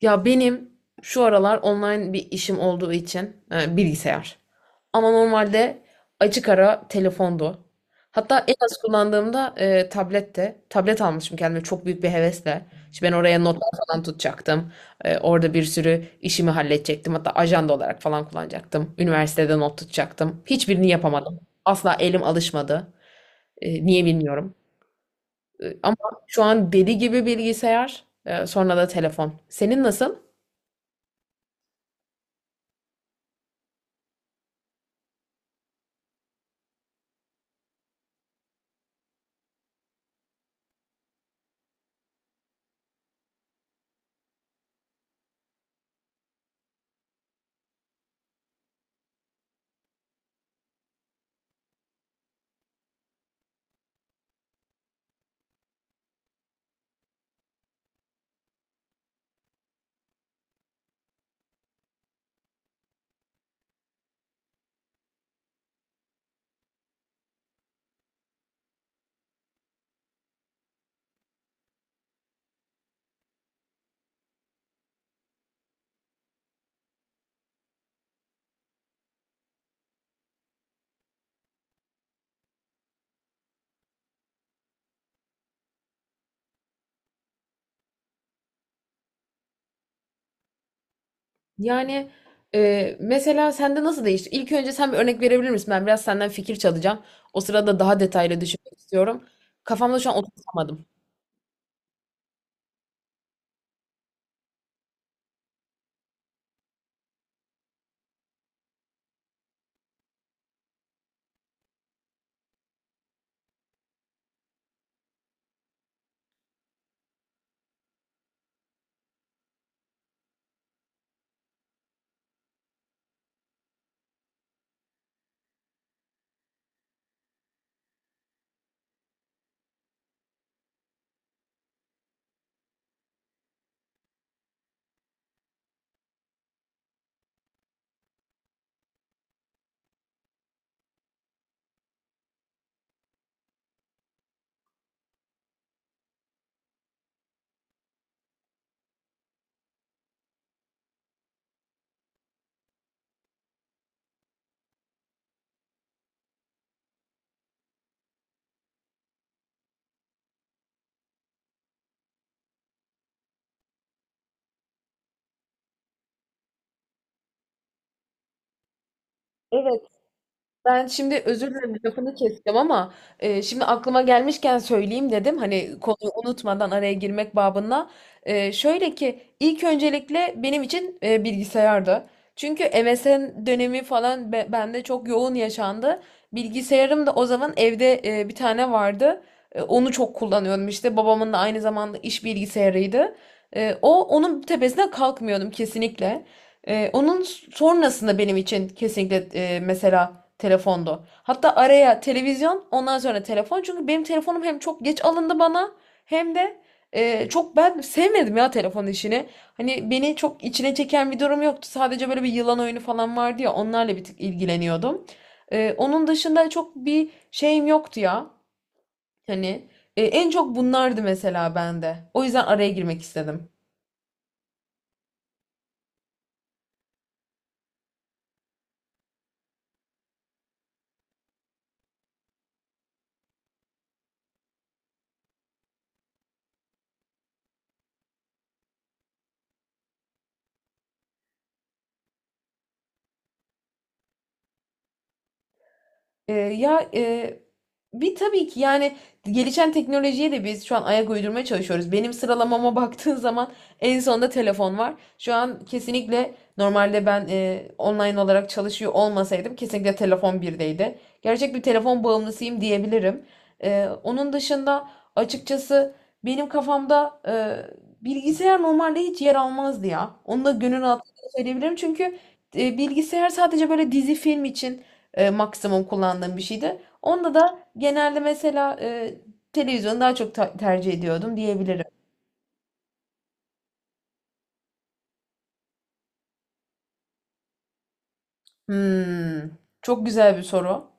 Ya benim şu aralar online bir işim olduğu için bilgisayar. Ama normalde açık ara telefondu. Hatta en az kullandığımda tablette. Tablet almışım kendime çok büyük bir hevesle. İşte ben oraya notlar falan tutacaktım. Orada bir sürü işimi halledecektim. Hatta ajanda olarak falan kullanacaktım. Üniversitede not tutacaktım. Hiçbirini yapamadım. Asla elim alışmadı. Niye bilmiyorum. Ama şu an deli gibi bilgisayar, sonra da telefon. Senin nasıl? Yani mesela sende nasıl değişti? İlk önce sen bir örnek verebilir misin? Ben biraz senden fikir çalacağım. O sırada daha detaylı düşünmek istiyorum. Kafamda şu an oturtamadım. Ben şimdi özür dilerim lafını keseceğim ama şimdi aklıma gelmişken söyleyeyim dedim. Hani konuyu unutmadan araya girmek babında. Şöyle ki ilk öncelikle benim için bilgisayardı. Çünkü MSN dönemi falan bende çok yoğun yaşandı. Bilgisayarım da o zaman evde bir tane vardı. Onu çok kullanıyordum işte. Babamın da aynı zamanda iş bilgisayarıydı. O onun tepesine kalkmıyordum kesinlikle. Onun sonrasında benim için kesinlikle mesela telefondu. Hatta araya televizyon ondan sonra telefon. Çünkü benim telefonum hem çok geç alındı bana hem de çok ben sevmedim ya telefon işini. Hani beni çok içine çeken bir durum yoktu. Sadece böyle bir yılan oyunu falan vardı ya onlarla bir tık ilgileniyordum. Onun dışında çok bir şeyim yoktu ya. Hani en çok bunlardı mesela bende. O yüzden araya girmek istedim. Ya bir tabii ki yani gelişen teknolojiye de biz şu an ayak uydurmaya çalışıyoruz. Benim sıralamama baktığın zaman en sonda telefon var. Şu an kesinlikle normalde ben online olarak çalışıyor olmasaydım kesinlikle telefon birdeydi. Gerçek bir telefon bağımlısıyım diyebilirim. Onun dışında açıkçası benim kafamda bilgisayar normalde hiç yer almazdı ya. Onu da gönül rahatlığıyla söyleyebilirim çünkü bilgisayar sadece böyle dizi film için maksimum kullandığım bir şeydi. Onda da genelde mesela televizyonu daha çok tercih ediyordum diyebilirim. Hmm, çok güzel bir soru.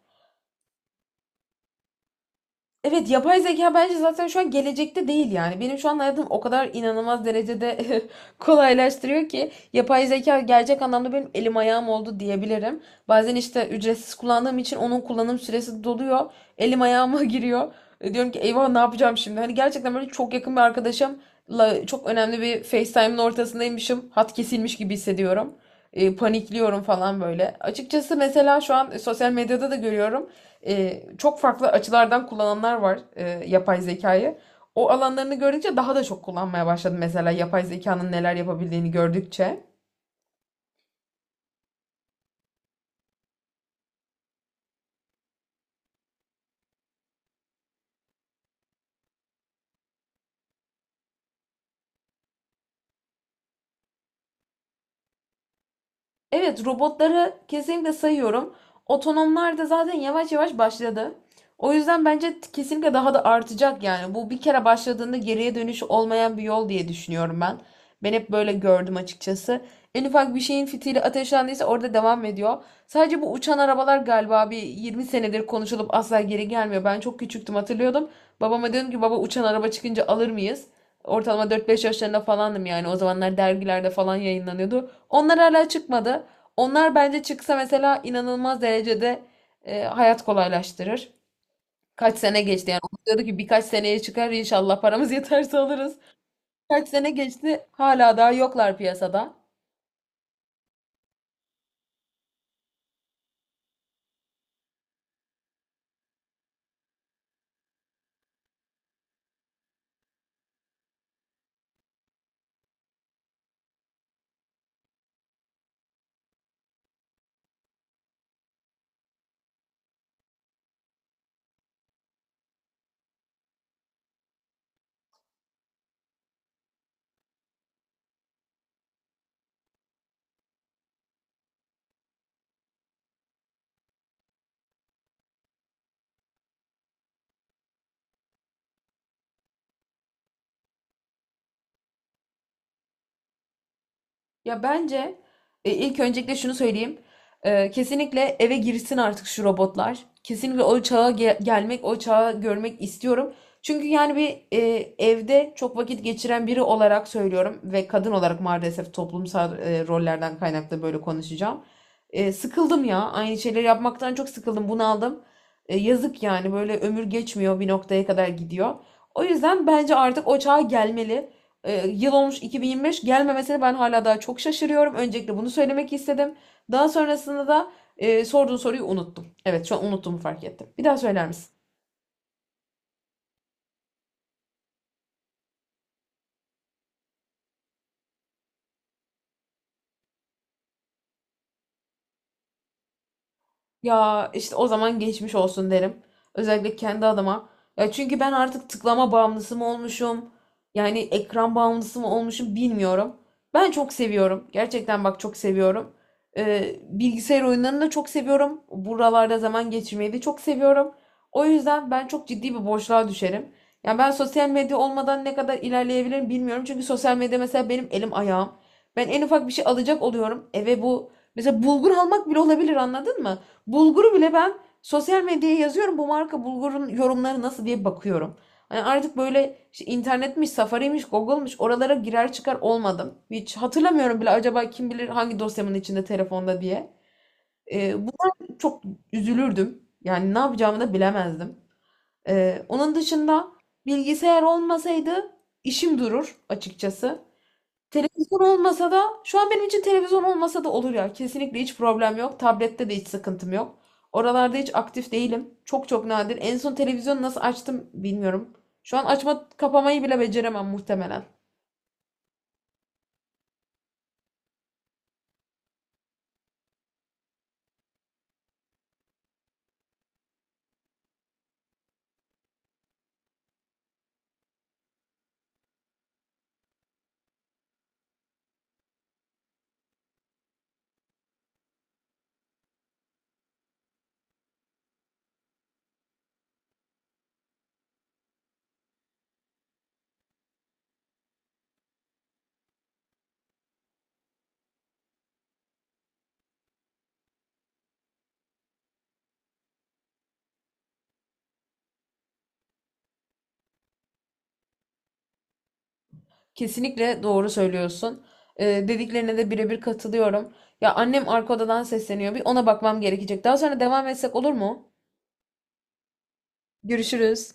Evet, yapay zeka bence zaten şu an gelecekte değil yani. Benim şu an hayatım o kadar inanılmaz derecede kolaylaştırıyor ki yapay zeka gerçek anlamda benim elim ayağım oldu diyebilirim. Bazen işte ücretsiz kullandığım için onun kullanım süresi doluyor. Elim ayağıma giriyor. Diyorum ki eyvah ne yapacağım şimdi? Hani gerçekten böyle çok yakın bir arkadaşımla çok önemli bir FaceTime'ın ortasındaymışım. Hat kesilmiş gibi hissediyorum. Panikliyorum falan böyle. Açıkçası mesela şu an sosyal medyada da görüyorum çok farklı açılardan kullananlar var yapay zekayı. O alanlarını gördükçe daha da çok kullanmaya başladım mesela yapay zekanın neler yapabildiğini gördükçe. Evet, robotları kesinlikle sayıyorum. Otonomlar da zaten yavaş yavaş başladı. O yüzden bence kesinlikle daha da artacak yani. Bu bir kere başladığında geriye dönüş olmayan bir yol diye düşünüyorum ben. Ben hep böyle gördüm açıkçası. En ufak bir şeyin fitili ateşlendiyse orada devam ediyor. Sadece bu uçan arabalar galiba bir 20 senedir konuşulup asla geri gelmiyor. Ben çok küçüktüm, hatırlıyordum. Babama dedim ki baba uçan araba çıkınca alır mıyız? Ortalama 4-5 yaşlarında falandım yani. O zamanlar dergilerde falan yayınlanıyordu. Onlar hala çıkmadı. Onlar bence çıksa mesela inanılmaz derecede hayat kolaylaştırır. Kaç sene geçti yani. Umut diyordu ki birkaç seneye çıkar inşallah paramız yeterse alırız. Kaç sene geçti hala daha yoklar piyasada. Ya bence ilk öncelikle şunu söyleyeyim. Kesinlikle eve girsin artık şu robotlar. Kesinlikle o çağa gelmek, o çağı görmek istiyorum. Çünkü yani bir evde çok vakit geçiren biri olarak söylüyorum ve kadın olarak maalesef toplumsal rollerden kaynaklı böyle konuşacağım. Sıkıldım ya. Aynı şeyleri yapmaktan çok sıkıldım, bunaldım. Yazık yani böyle ömür geçmiyor bir noktaya kadar gidiyor. O yüzden bence artık o çağa gelmeli. Yıl olmuş 2025 gelmemesine ben hala daha çok şaşırıyorum. Öncelikle bunu söylemek istedim. Daha sonrasında da sorduğun soruyu unuttum. Evet şu an unuttuğumu fark ettim. Bir daha söyler misin? Ya işte o zaman geçmiş olsun derim. Özellikle kendi adıma. Ya çünkü ben artık tıklama bağımlısı mı olmuşum? Yani ekran bağımlısı mı olmuşum bilmiyorum. Ben çok seviyorum. Gerçekten bak çok seviyorum. Bilgisayar oyunlarını da çok seviyorum. Buralarda zaman geçirmeyi de çok seviyorum. O yüzden ben çok ciddi bir boşluğa düşerim. Yani ben sosyal medya olmadan ne kadar ilerleyebilirim bilmiyorum. Çünkü sosyal medya mesela benim elim ayağım. Ben en ufak bir şey alacak oluyorum. Eve bu mesela bulgur almak bile olabilir, anladın mı? Bulguru bile ben sosyal medyaya yazıyorum bu marka bulgurun yorumları nasıl diye bakıyorum. Hani artık böyle işte internetmiş, Safari'miş, Google'mış oralara girer çıkar olmadım. Hiç hatırlamıyorum bile acaba kim bilir hangi dosyamın içinde telefonda diye. Bunlar çok üzülürdüm. Yani ne yapacağımı da bilemezdim. Onun dışında bilgisayar olmasaydı işim durur açıkçası. Televizyon olmasa da şu an benim için televizyon olmasa da olur ya. Kesinlikle hiç problem yok. Tablette de hiç sıkıntım yok. Oralarda hiç aktif değilim. Çok çok nadir. En son televizyonu nasıl açtım bilmiyorum. Şu an açma kapamayı bile beceremem muhtemelen. Kesinlikle doğru söylüyorsun. Dediklerine de birebir katılıyorum. Ya annem arka odadan sesleniyor. Bir ona bakmam gerekecek. Daha sonra devam etsek olur mu? Görüşürüz.